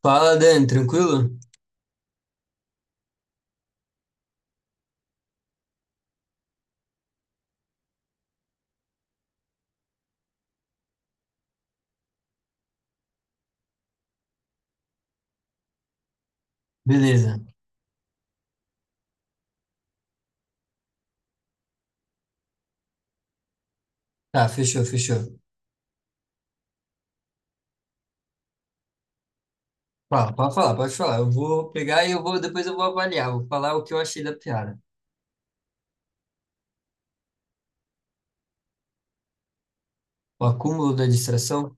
Fala, Dani, tranquilo? Beleza. Tá, fechou, fechou. Fala, pode falar, pode falar. Eu vou pegar e eu vou, depois eu vou avaliar, vou falar o que eu achei da piada. O acúmulo da distração?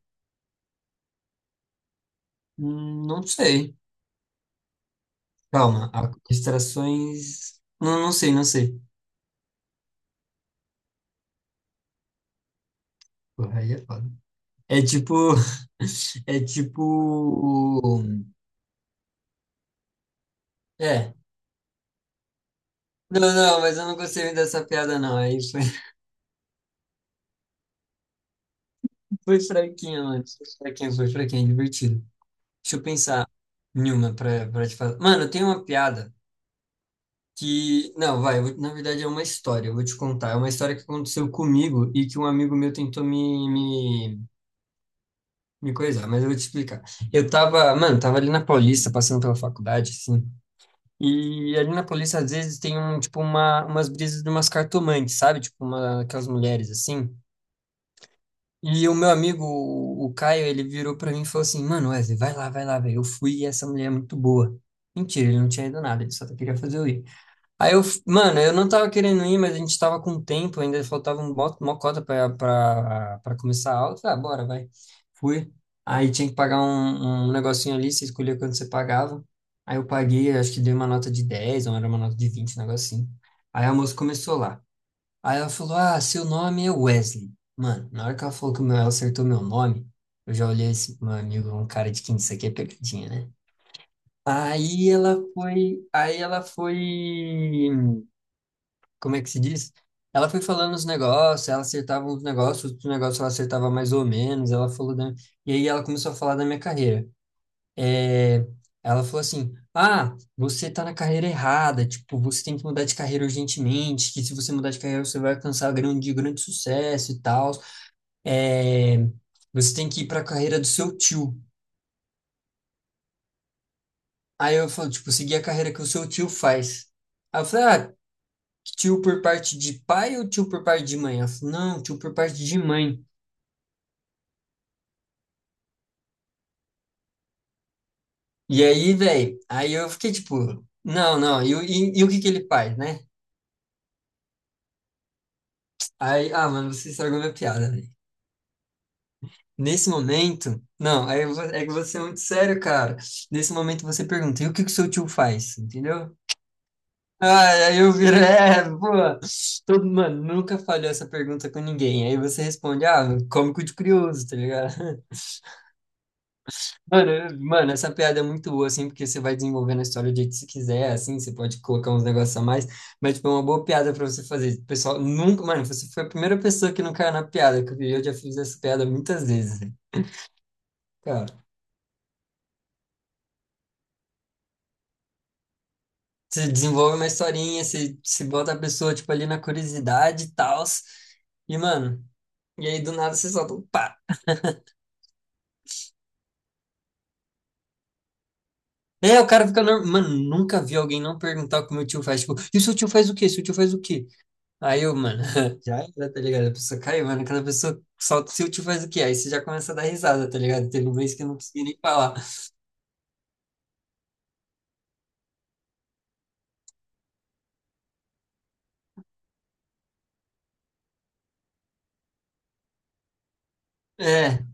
Não sei. Calma, distrações. Não, não sei, não sei. Porra, aí é foda. É tipo. É tipo. É. Não, não, mas eu não gostei muito dessa piada, não. Aí foi, foi fraquinho, mano. Foi fraquinho, divertido. Deixa eu pensar em uma pra te falar. Mano, tem uma piada. Que, não, vai, na verdade é uma história, eu vou te contar. É uma história que aconteceu comigo e que um amigo meu tentou me coisar, mas eu vou te explicar. Eu tava, mano, tava ali na Paulista, passando pela faculdade, assim, e ali na Paulista às vezes tem tipo, umas brisas de umas cartomantes, sabe? Tipo, aquelas mulheres, assim. E o meu amigo, o Caio, ele virou pra mim e falou assim, mano, Wesley, vai lá, velho, eu fui e essa mulher é muito boa. Mentira, ele não tinha ido nada, ele só queria fazer eu ir. Aí eu, mano, eu não tava querendo ir, mas a gente tava com tempo, ainda faltava uma cota pra começar a aula. Eu falei, ah, bora, vai. Fui. Aí tinha que pagar um negocinho ali, você escolhia quanto você pagava. Aí eu paguei, acho que dei uma nota de 10, ou era uma nota de 20, um negocinho. Aí a moça começou lá. Aí ela falou, ah, seu nome é Wesley. Mano, na hora que ela falou que ela acertou meu nome, eu já olhei esse meu amigo, um cara de 15, isso aqui é pegadinha, né? Aí ela foi, como é que se diz? Ela foi falando os negócios, ela acertava uns negócios, outros negócios ela acertava mais ou menos, ela falou da... E aí ela começou a falar da minha carreira. É, ela falou assim, ah, você tá na carreira errada, tipo, você tem que mudar de carreira urgentemente, que se você mudar de carreira você vai alcançar grande, grande sucesso e tal. É, você tem que ir pra carreira do seu tio. Aí eu falo, tipo, seguir a carreira que o seu tio faz. Aí eu falei, ah, tio por parte de pai ou tio por parte de mãe? Ela falou, não, tio por parte de mãe. E aí, velho, aí eu fiquei tipo, não, não, e o que que ele faz, né? Aí, ah, mano, você estragou minha piada, velho. Nesse momento, não, é que você é muito sério, cara. Nesse momento você pergunta, e o que que o seu tio faz, entendeu? Ah, aí eu viro, é, pô, todo, mano, nunca falhou essa pergunta com ninguém. Aí você responde, ah, cômico de curioso, tá ligado? Mano, mano, essa piada é muito boa, assim, porque você vai desenvolvendo a história do jeito que você quiser, assim, você pode colocar uns negócios a mais, mas, tipo, é uma boa piada pra você fazer. O pessoal, nunca, mano, você foi a primeira pessoa que não caiu na piada, que eu vi, eu já fiz essa piada muitas vezes, né, cara. Você desenvolve uma historinha, você bota a pessoa, tipo, ali na curiosidade e tal, e, mano, e aí do nada você solta, um pá! É, o cara fica normal. Mano, nunca vi alguém não perguntar o que meu tio faz, tipo, e o seu tio faz o quê? Seu tio faz o quê? Aí eu, mano, já era, tá ligado? A pessoa caiu, mano. Aquela pessoa solta o tilt e faz o quê? Aí você já começa a dar risada, tá ligado? Teve um mês que eu não consegui nem falar. É.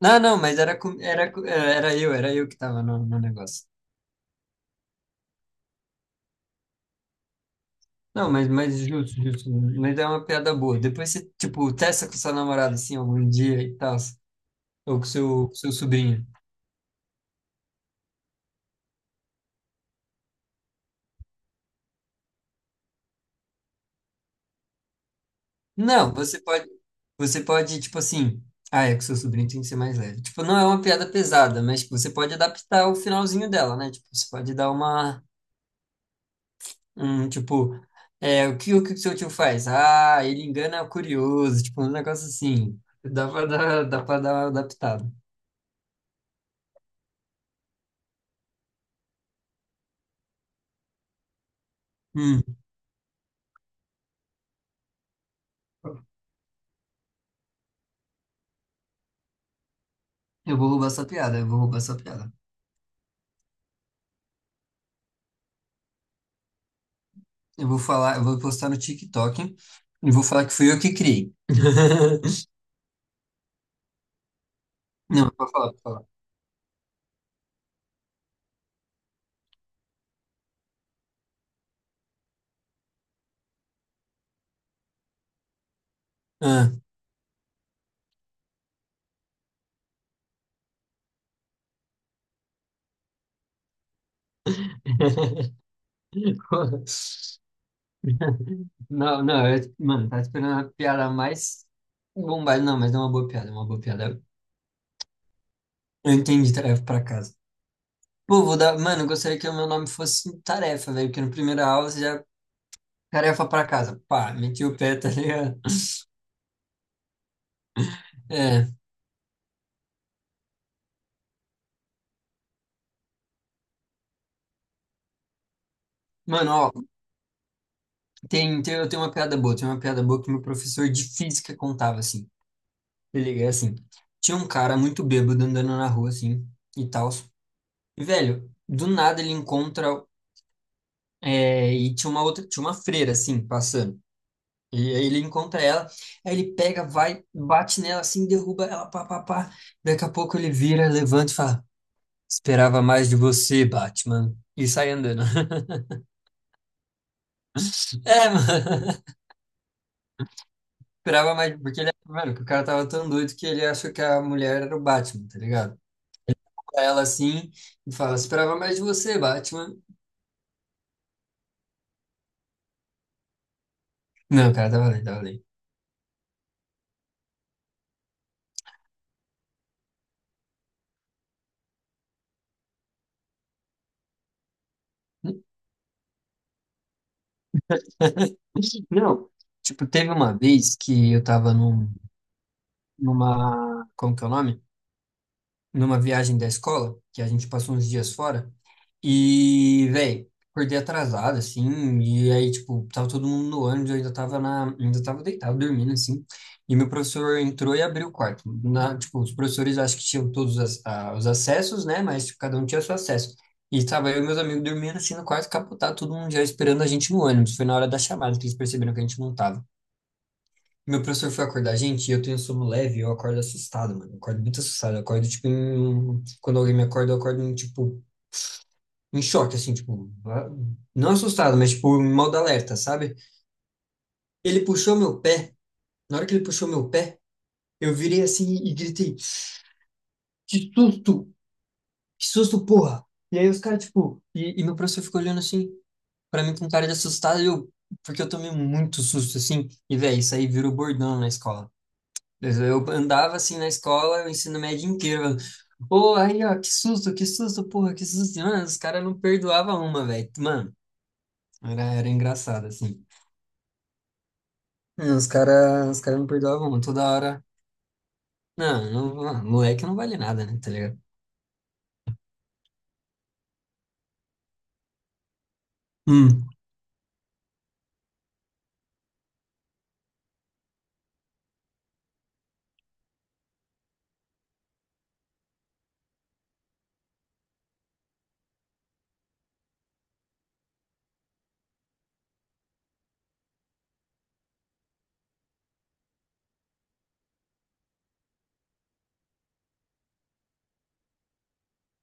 Não, não, mas era, com- é, era eu que tava no negócio. Não, mas justo, justo. Mas é uma piada boa. Depois você, tipo, testa com sua namorada, assim, algum dia e tal. Ou com seu sobrinho. Não, você pode, tipo assim. Ah, é que seu sobrinho tem que ser mais leve. Tipo, não é uma piada pesada, mas tipo, você pode adaptar o finalzinho dela, né? Tipo, você pode dar uma tipo, é, o que o seu tio faz? Ah, ele engana o curioso, tipo, um negócio assim. Dá pra dar uma adaptada. Hum, eu vou roubar essa piada, eu vou roubar essa piada. Eu vou postar no TikTok e vou falar que fui eu que criei. Não, pode falar, pode falar. Ah. Não, não, eu, mano, tá esperando uma piada mais bombada. Não, mas é uma boa piada, é uma boa piada. Eu entendi, trago pra casa. Pô, vou dar. Mano, eu gostaria que o meu nome fosse tarefa, velho, porque no primeiro aula você já. Tarefa pra casa. Pá, meti o pé, tá ligado? É. Mano, ó, eu tenho uma piada boa. Tem uma piada boa que meu professor de física contava, assim. Ele é assim. Tinha um cara muito bêbado andando na rua, assim, e tal. E, velho, do nada ele encontra. É, e tinha uma freira, assim, passando. E aí ele encontra ela, aí ele pega, vai, bate nela, assim, derruba ela, pá, pá, pá. Daqui a pouco ele vira, levanta e fala. Esperava mais de você, Batman. E sai andando. É, mano. Esperava mais, porque ele, é, mano, que o cara tava tão doido que ele achou que a mulher era o Batman, tá ligado? Pra ela assim, e fala, esperava mais de você, Batman. Não, cara, tava lendo, tava lendo. Não, tipo, teve uma vez que eu tava numa, como que é o nome? Numa viagem da escola, que a gente passou uns dias fora, e, velho, acordei atrasado, assim, e aí, tipo, tava todo mundo no ônibus, eu ainda tava ainda tava deitado, dormindo, assim, e meu professor entrou e abriu o quarto. Na, tipo, os professores acho que tinham todos os acessos, né, mas tipo, cada um tinha seu acesso. E tava eu e meus amigos dormindo, assim, no quarto, capotado, todo mundo já esperando a gente no ônibus. Foi na hora da chamada que eles perceberam que a gente não tava. Meu professor foi acordar a gente e eu tenho sono leve, e eu acordo assustado, mano. Eu acordo muito assustado. Eu acordo, tipo, em... um, quando alguém me acorda, eu acordo, tipo, em choque, assim, tipo, ah, não assustado, mas, tipo, em modo alerta, sabe? Ele puxou meu pé. Na hora que ele puxou meu pé, eu virei assim e gritei: Que susto! Que susto, porra! E aí os caras, tipo, e meu professor ficou olhando assim, pra mim com cara de assustado, e eu, porque eu tomei muito susto, assim, e, velho, isso aí virou bordão na escola. Eu andava assim na escola, o ensino médio inteiro. Pô, aí, ó, que susto, porra, que susto. Mano, os caras não perdoavam uma, velho. Mano, era engraçado, assim. É, os cara não perdoavam uma, toda hora. Não, não, ah, moleque não vale nada, né, tá ligado? Hum.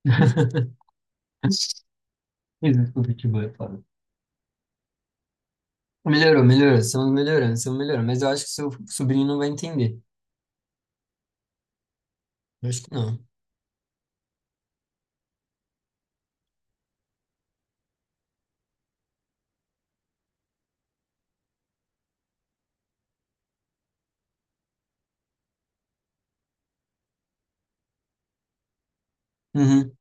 Desculpa, futebol é foda. Melhorou, melhorou, estamos melhorando, estamos melhorando. Mas eu acho que seu sobrinho não vai entender. Eu acho que não. Uhum.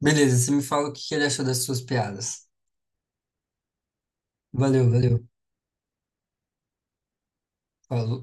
Beleza, você me fala o que que ele achou das suas piadas. Valeu, valeu. Falou.